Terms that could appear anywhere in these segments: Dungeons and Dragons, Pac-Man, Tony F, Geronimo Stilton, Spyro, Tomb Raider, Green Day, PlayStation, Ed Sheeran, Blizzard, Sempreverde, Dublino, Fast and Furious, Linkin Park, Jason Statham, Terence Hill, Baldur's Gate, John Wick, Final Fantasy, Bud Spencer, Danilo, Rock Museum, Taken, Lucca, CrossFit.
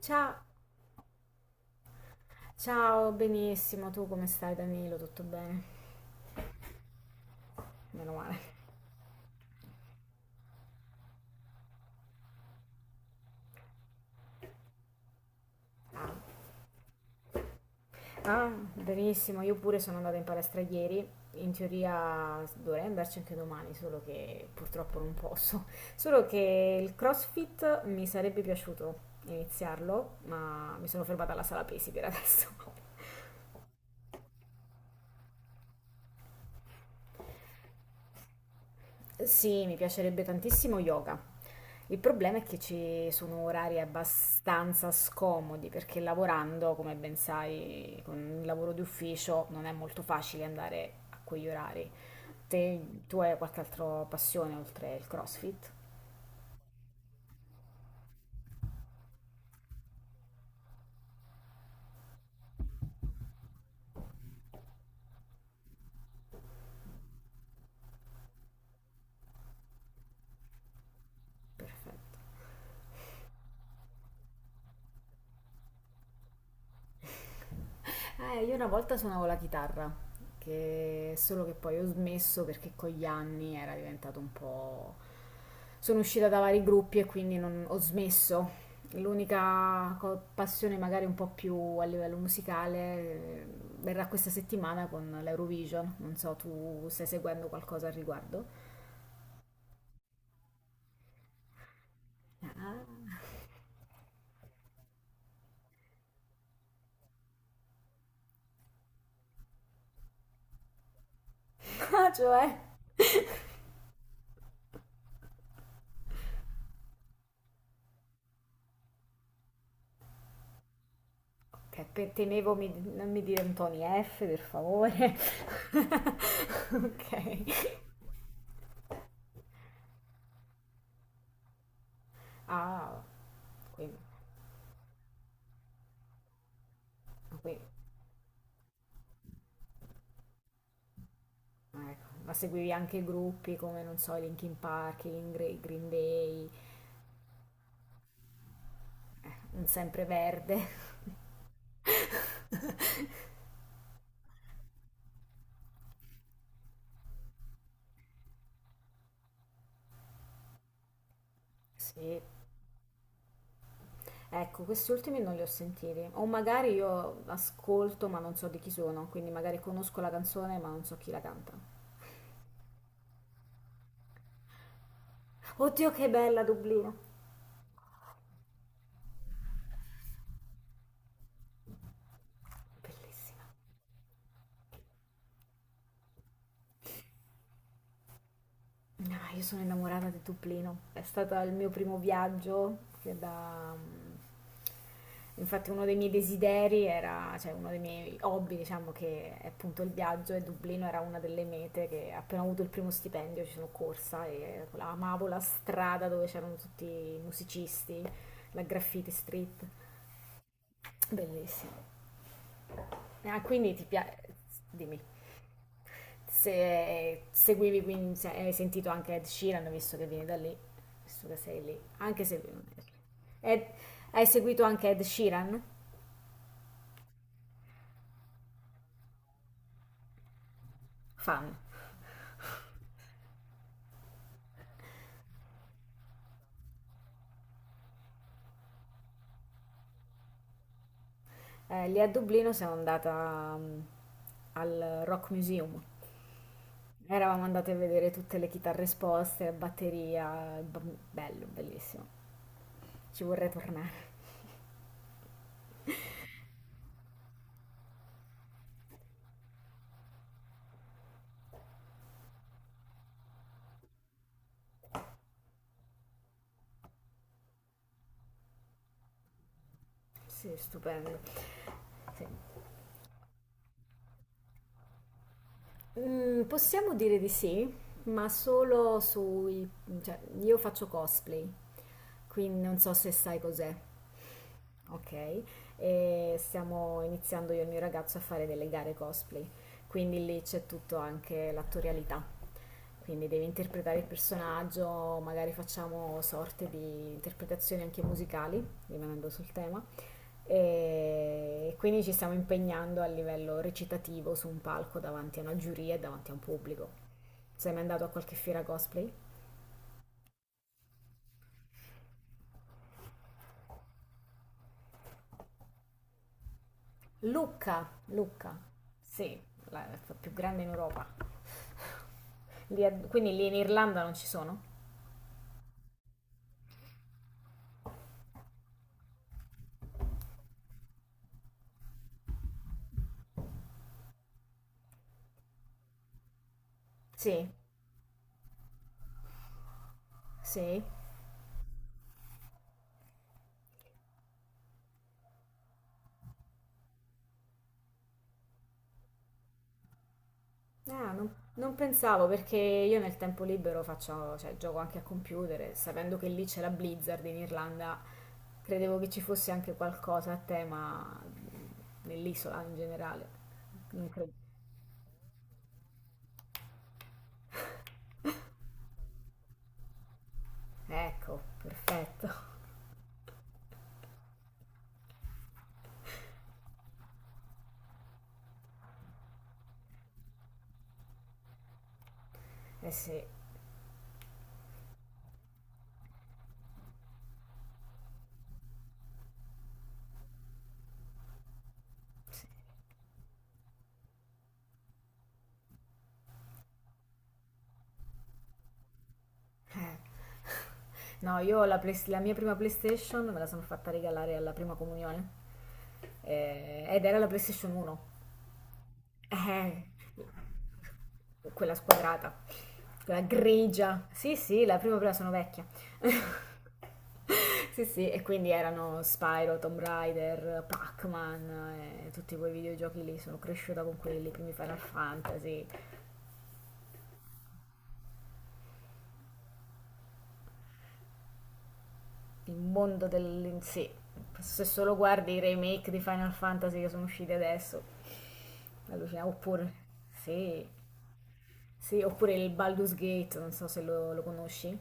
Ciao, ciao, benissimo. Tu come stai, Danilo? Tutto bene? Meno male. Ah, ah, benissimo. Io pure sono andata in palestra ieri. In teoria dovrei andarci anche domani, solo che purtroppo non posso. Solo che il CrossFit mi sarebbe piaciuto iniziarlo, ma mi sono fermata alla sala pesi per adesso. Sì, mi piacerebbe tantissimo yoga. Il problema è che ci sono orari abbastanza scomodi perché lavorando, come ben sai, con il lavoro di ufficio non è molto facile andare a quegli orari. Te, tu hai qualche altra passione oltre il CrossFit? Perfetto. Io una volta suonavo la chitarra, che solo che poi ho smesso perché con gli anni era diventato un po'... Sono uscita da vari gruppi e quindi ho smesso. L'unica passione magari un po' più a livello musicale verrà questa settimana con l'Eurovision. Non so, tu stai seguendo qualcosa al riguardo? Ah, ah, cioè... Che temevo non mi dire Tony F, per favore. Ok. Ah. Quindi, quindi, ecco. Ma seguivi anche gruppi come, non so, i Linkin Park, i Green Day, un Sempreverde. Sì, ecco, questi ultimi non li ho sentiti. O magari io ascolto ma non so di chi sono, quindi magari conosco la canzone ma non so chi la canta. Oddio, che bella Dublino! Bellissima. No, io sono innamorata di Dublino. È stato il mio primo viaggio che da... mm, infatti uno dei miei desideri era, cioè uno dei miei hobby, diciamo che è appunto il viaggio e Dublino era una delle mete che appena ho avuto il primo stipendio ci sono corsa e amavo la strada dove c'erano tutti i musicisti, la graffiti street. Bellissimo. Ah, quindi ti piace... Dimmi. Se seguivi, quindi, se hai sentito anche Ed Sheeran, visto che vieni da lì, visto che sei lì, anche se lui non è lì. Ed- Hai seguito anche Ed Sheeran? Fan. Lì a Dublino sono andata mm, al Rock Museum. Eravamo andate a vedere tutte le chitarre esposte, batteria, bello, bellissimo. Ci vorrei tornare. Sì, stupendo. Sì. Mm, possiamo dire di sì, ma solo sui... cioè, io faccio cosplay, quindi non so se sai cos'è. Ok, e stiamo iniziando io e il mio ragazzo a fare delle gare cosplay, quindi lì c'è tutto anche l'attorialità, quindi devi interpretare il personaggio, magari facciamo sorte di interpretazioni anche musicali, rimanendo sul tema, e quindi ci stiamo impegnando a livello recitativo su un palco davanti a una giuria e davanti a un pubblico. Sei mai andato a qualche fiera cosplay? Lucca, Lucca, sì, la più grande in Europa. Quindi lì in Irlanda non ci sono? Sì, sì. Ah, non pensavo perché io nel tempo libero faccio, cioè, gioco anche a computer e sapendo che lì c'è la Blizzard in Irlanda, credevo che ci fosse anche qualcosa a tema nell'isola in generale. Non credo. Ecco, perfetto. Eh sì, sì. Eh. No, la mia prima PlayStation me la sono fatta regalare alla prima comunione. Ed era la PlayStation 1. Eh, quella squadrata, quella grigia. Sì, sì, la prima prima sono vecchia. Sì, sì, e quindi erano Spyro, Tomb Raider, Pac-Man, tutti quei videogiochi lì, sono cresciuta con quelli, i primi Final Fantasy, il mondo del, sì, se solo guardi i remake di Final Fantasy che sono usciti adesso, allucina. Oppure, sì, sì, oppure il Baldur's Gate, non so se lo conosci.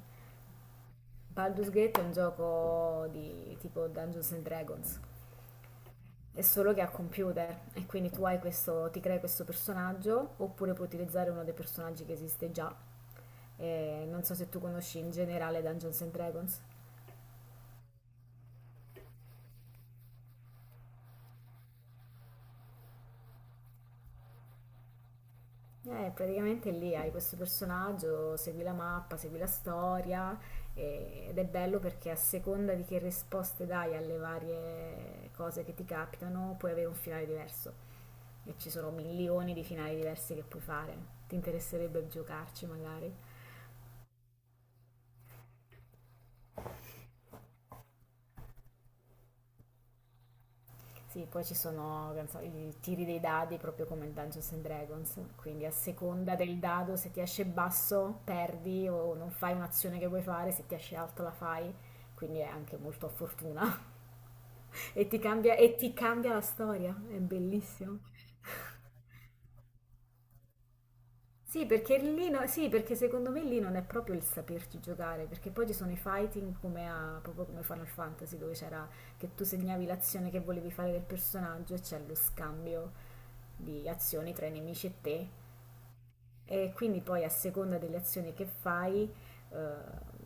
Baldur's Gate è un gioco di tipo Dungeons and Dragons, è solo che ha computer e quindi tu hai questo, ti crei questo personaggio oppure puoi utilizzare uno dei personaggi che esiste già. Non so se tu conosci in generale Dungeons and Dragons. Praticamente lì hai questo personaggio, segui la mappa, segui la storia ed è bello perché a seconda di che risposte dai alle varie cose che ti capitano, puoi avere un finale diverso e ci sono milioni di finali diversi che puoi fare. Ti interesserebbe giocarci magari? Sì, poi ci sono non so, i tiri dei dadi proprio come il Dungeons and Dragons, quindi a seconda del dado se ti esce basso perdi o non fai un'azione che vuoi fare, se ti esce alto la fai, quindi è anche molto a fortuna e ti cambia la storia, è bellissimo. Sì, perché lì no- sì, perché secondo me lì non è proprio il saperci giocare, perché poi ci sono i fighting proprio come Final Fantasy, dove c'era che tu segnavi l'azione che volevi fare del personaggio e c'è lo scambio di azioni tra i nemici e te. E quindi poi a seconda delle azioni che fai, eh,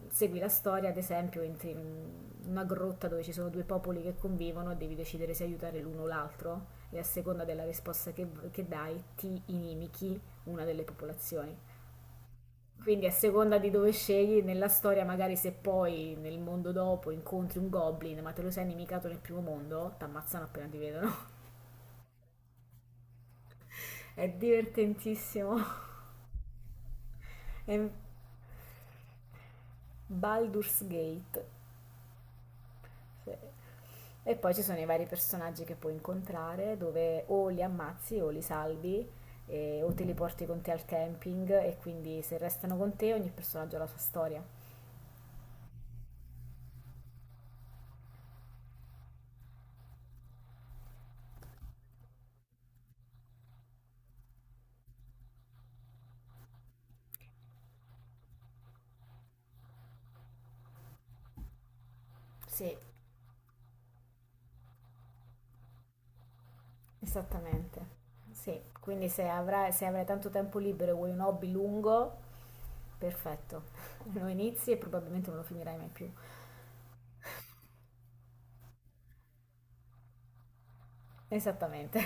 segui la storia, ad esempio, entri in una grotta dove ci sono due popoli che convivono e devi decidere se aiutare l'uno o l'altro, e a seconda della risposta che dai ti inimichi una delle popolazioni. Quindi a seconda di dove scegli nella storia, magari se poi nel mondo dopo incontri un goblin, ma te lo sei nemicato nel primo mondo, ti ammazzano appena ti vedono. È divertentissimo. È Baldur's Gate. Sì. E poi ci sono i vari personaggi che puoi incontrare, dove o li ammazzi o li salvi, o te li porti con te al camping, e quindi se restano con te ogni personaggio ha la sua storia. Sì, esattamente. Sì, quindi se avrai tanto tempo libero e vuoi un hobby lungo, perfetto. Lo inizi e probabilmente non lo finirai mai più. Esattamente.